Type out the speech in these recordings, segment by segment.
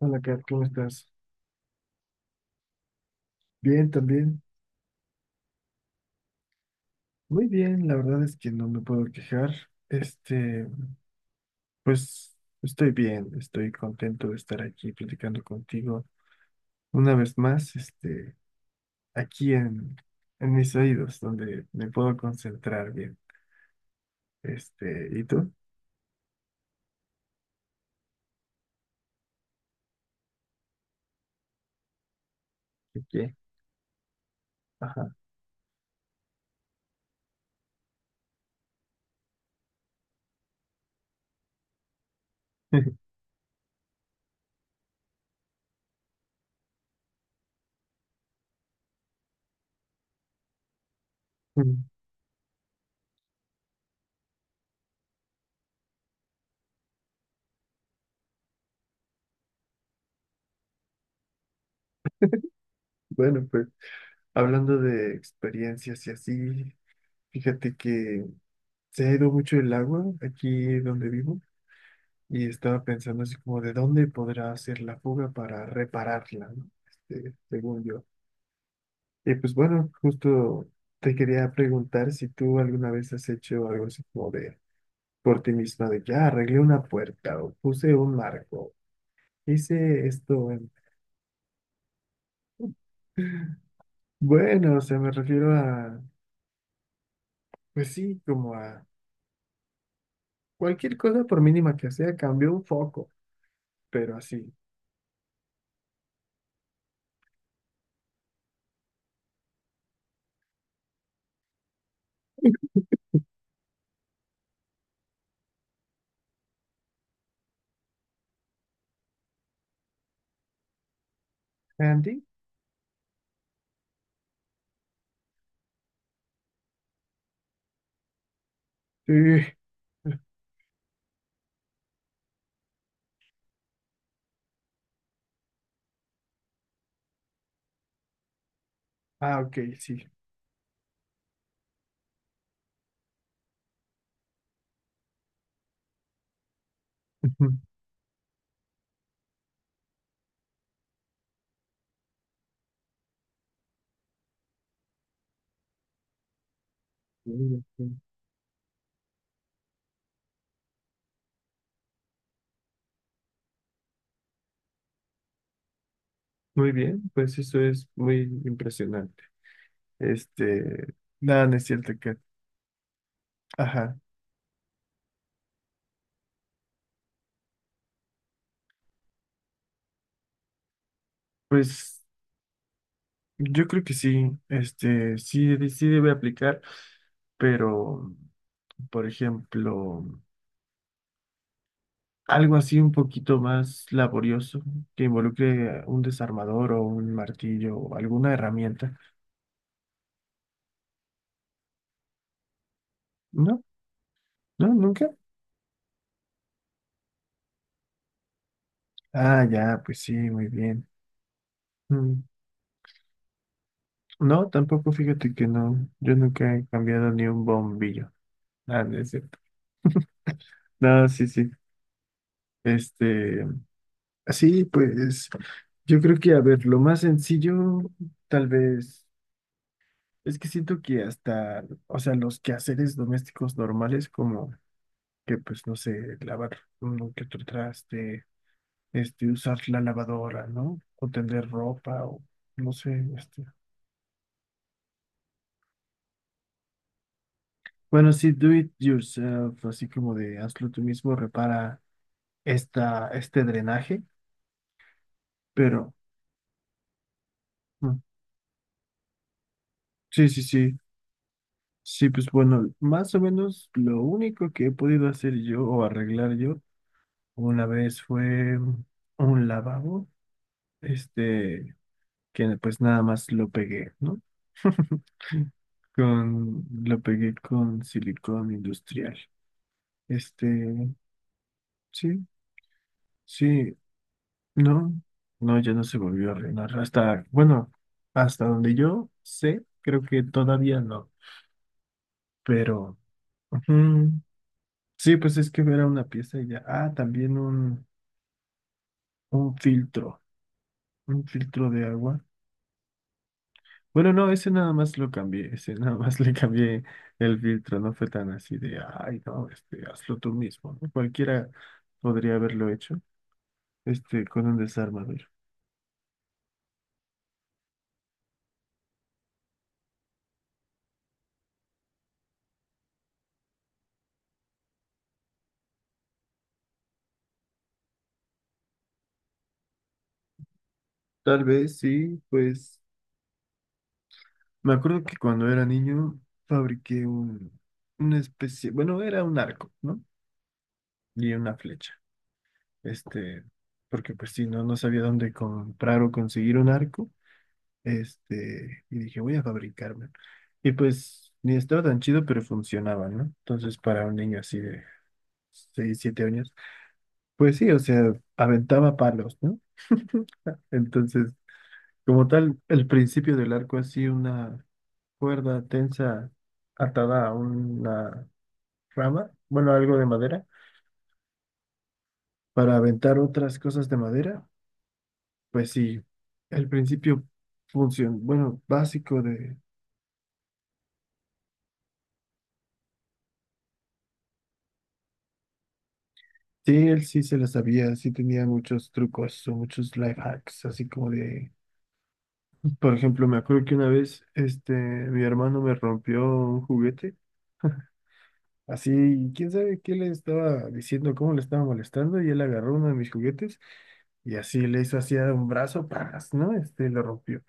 Hola, Kat, ¿cómo estás? Bien, también. Muy bien, la verdad es que no me puedo quejar. Este, pues estoy bien, estoy contento de estar aquí platicando contigo una vez más, aquí en mis oídos, donde me puedo concentrar bien. ¿Y tú? ¿Y qué? Ajá. Bueno, pues hablando de experiencias y así, fíjate que se ha ido mucho el agua aquí donde vivo. Y estaba pensando así como de dónde podrá hacer la fuga para repararla, ¿no? Según yo. Y pues bueno, justo te quería preguntar si tú alguna vez has hecho algo así como de por ti misma, de ya arreglé una puerta o puse un marco, hice esto. En- Bueno, o sea, me refiero a, pues sí, como a cualquier cosa por mínima que sea, cambió un foco, pero así. ¿Andy? Sí. Ah, ok, sí. Muy bien, pues eso es muy impresionante. Este, nada, no es cierto que, ajá, pues yo creo que sí, sí, sí debe aplicar, pero, por ejemplo, algo así un poquito más laborioso que involucre un desarmador o un martillo o alguna herramienta. No, no, nunca. Ah, ya, pues sí, muy bien. Mm, no, tampoco, fíjate que no, yo nunca he cambiado ni un bombillo. Ah, no es cierto. No, sí. Este, así pues yo creo que, a ver, lo más sencillo, tal vez, es que siento que hasta, o sea, los quehaceres domésticos normales, como que, pues, no sé, lavar uno que otro traste, usar la lavadora, ¿no? O tender ropa, o no sé, este. Bueno, sí, do it yourself, así como de hazlo tú mismo, repara este drenaje, pero mm, sí. Sí, pues bueno, más o menos lo único que he podido hacer yo o arreglar yo una vez fue un lavabo, este, que pues nada más lo pegué, ¿no? Lo pegué con silicón industrial. Este, sí, sí, no, no, ya no se volvió a arreglar. Hasta, bueno, hasta donde yo sé, creo que todavía no, pero ujú, sí, pues es que era una pieza y ya. Ah, también un filtro, un filtro de agua. Bueno, no, ese nada más lo cambié, ese nada más le cambié el filtro, no fue tan así de, ay, no, hazlo tú mismo, ¿no? Cualquiera podría haberlo hecho, con un desarmador. Tal vez sí, pues me acuerdo que cuando era niño fabriqué una especie, bueno, era un arco, ¿no? Y una flecha, este, porque pues sí, no sabía dónde comprar o conseguir un arco. Y dije, voy a fabricarme. Y pues ni estaba tan chido, pero funcionaba, ¿no? Entonces, para un niño así de 6 7 años, pues sí, o sea, aventaba palos, ¿no? Entonces, como tal, el principio del arco así, una cuerda tensa atada a una rama, bueno, algo de madera, para aventar otras cosas de madera, pues sí, el principio función, bueno, básico de sí, él sí se lo sabía, sí tenía muchos trucos o muchos life hacks, así como de, por ejemplo, me acuerdo que una vez, mi hermano me rompió un juguete, así, quién sabe qué le estaba diciendo, cómo le estaba molestando, y él agarró uno de mis juguetes y así le hizo así a un brazo, ¡paz! ¿No? Lo rompió.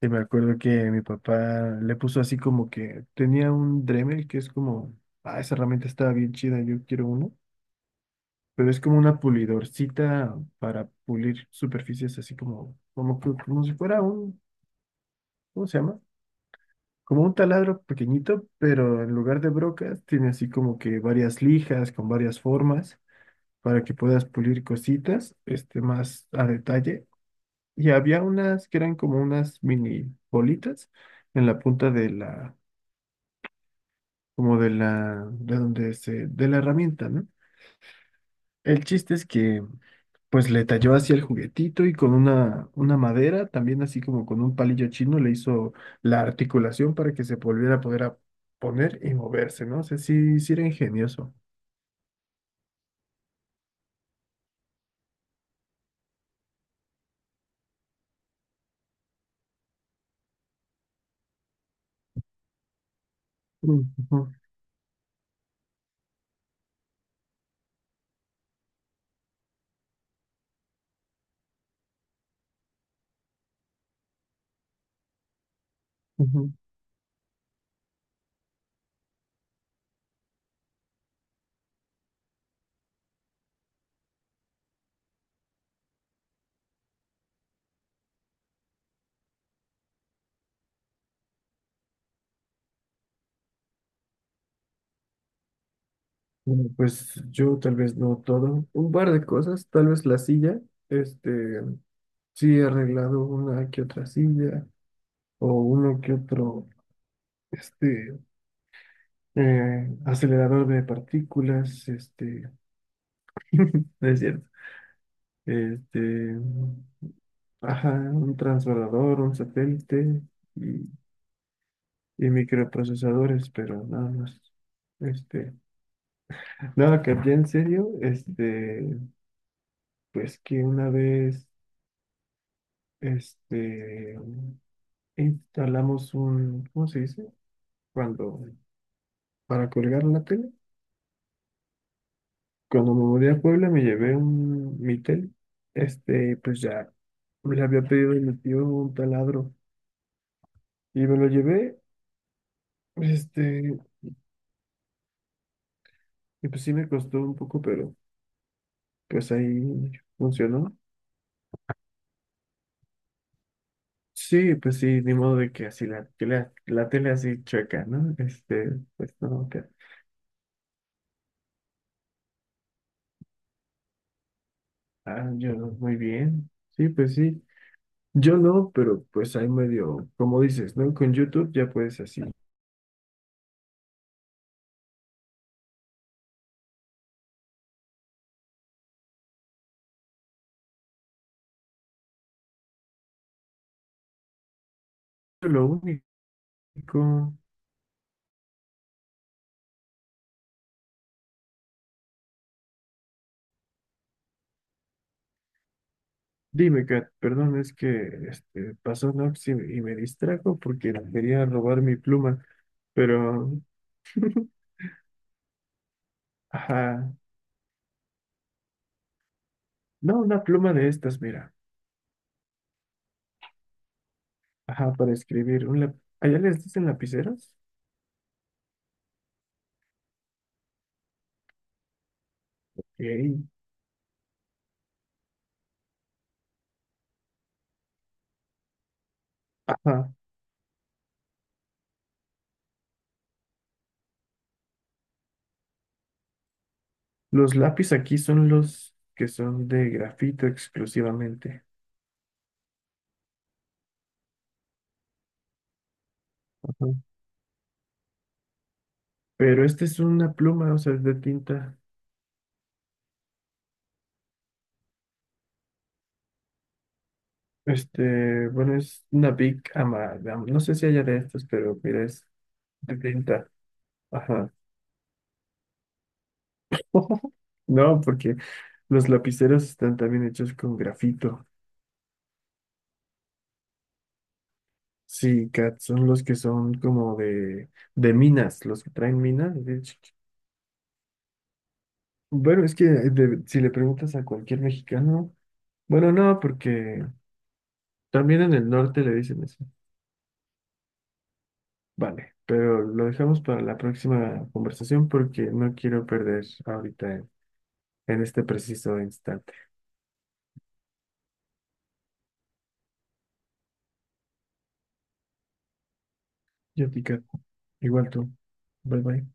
Y me acuerdo que mi papá le puso así como que tenía un Dremel que es como, ah, esa herramienta estaba bien chida, yo quiero uno. Pero es como una pulidorcita para pulir superficies así como si fuera un, ¿cómo se llama? Como un taladro pequeñito, pero en lugar de brocas tiene así como que varias lijas con varias formas para que puedas pulir cositas, más a detalle. Y había unas que eran como unas mini bolitas en la punta de como de la, de donde se, de la herramienta, ¿no? El chiste es que pues le talló así el juguetito y con una madera, también así como con un palillo chino, le hizo la articulación para que se volviera a poder a poner y moverse, ¿no? O sea, sí, sí era ingenioso. Mm, ujú, ujú. Bueno, pues yo tal vez no todo, un par de cosas, tal vez la silla, este, sí he arreglado una que otra silla o uno que otro, este, acelerador de partículas, no es cierto. este, ajá, un transbordador, un satélite y, y microprocesadores, pero nada más. Este, nada que ya en serio, pues que una vez, este, instalamos un, ¿cómo se dice? Cuando, para colgar la tele. Cuando me mudé a Puebla me llevé mi tele, pues ya le había pedido a mi tío un taladro y me lo llevé, este, y pues sí me costó un poco, pero pues ahí funcionó. Sí, pues sí, ni modo de que así la tele así chueca, ¿no? Pues no, que- ah, yo no, muy bien. Sí, pues sí. Yo no, pero pues ahí medio, como dices, ¿no? Con YouTube ya puedes así. Lo único, dime, Kat, perdón, es que pasó Nox y me distrajo porque quería robar mi pluma, pero, ajá, no, una pluma de estas, mira. Ajá, para escribir. Un lap- ¿Allá les dicen lapiceros? Ey. Ajá. Los lápiz aquí son los que son de grafito exclusivamente. Ajá. Pero este es una pluma, o sea, es de tinta. Bueno, es una big ama, am- no sé si haya de estos, pero mira, es de tinta. Ajá. No, porque los lapiceros están también hechos con grafito. Sí, Kat, son los que son como de minas, los que traen minas. Bueno, es que si le preguntas a cualquier mexicano, bueno, no, porque también en el norte le dicen eso. Vale, pero lo dejamos para la próxima conversación porque no quiero perder ahorita en este preciso instante. Yo, Tica, igual tú. Bye bye.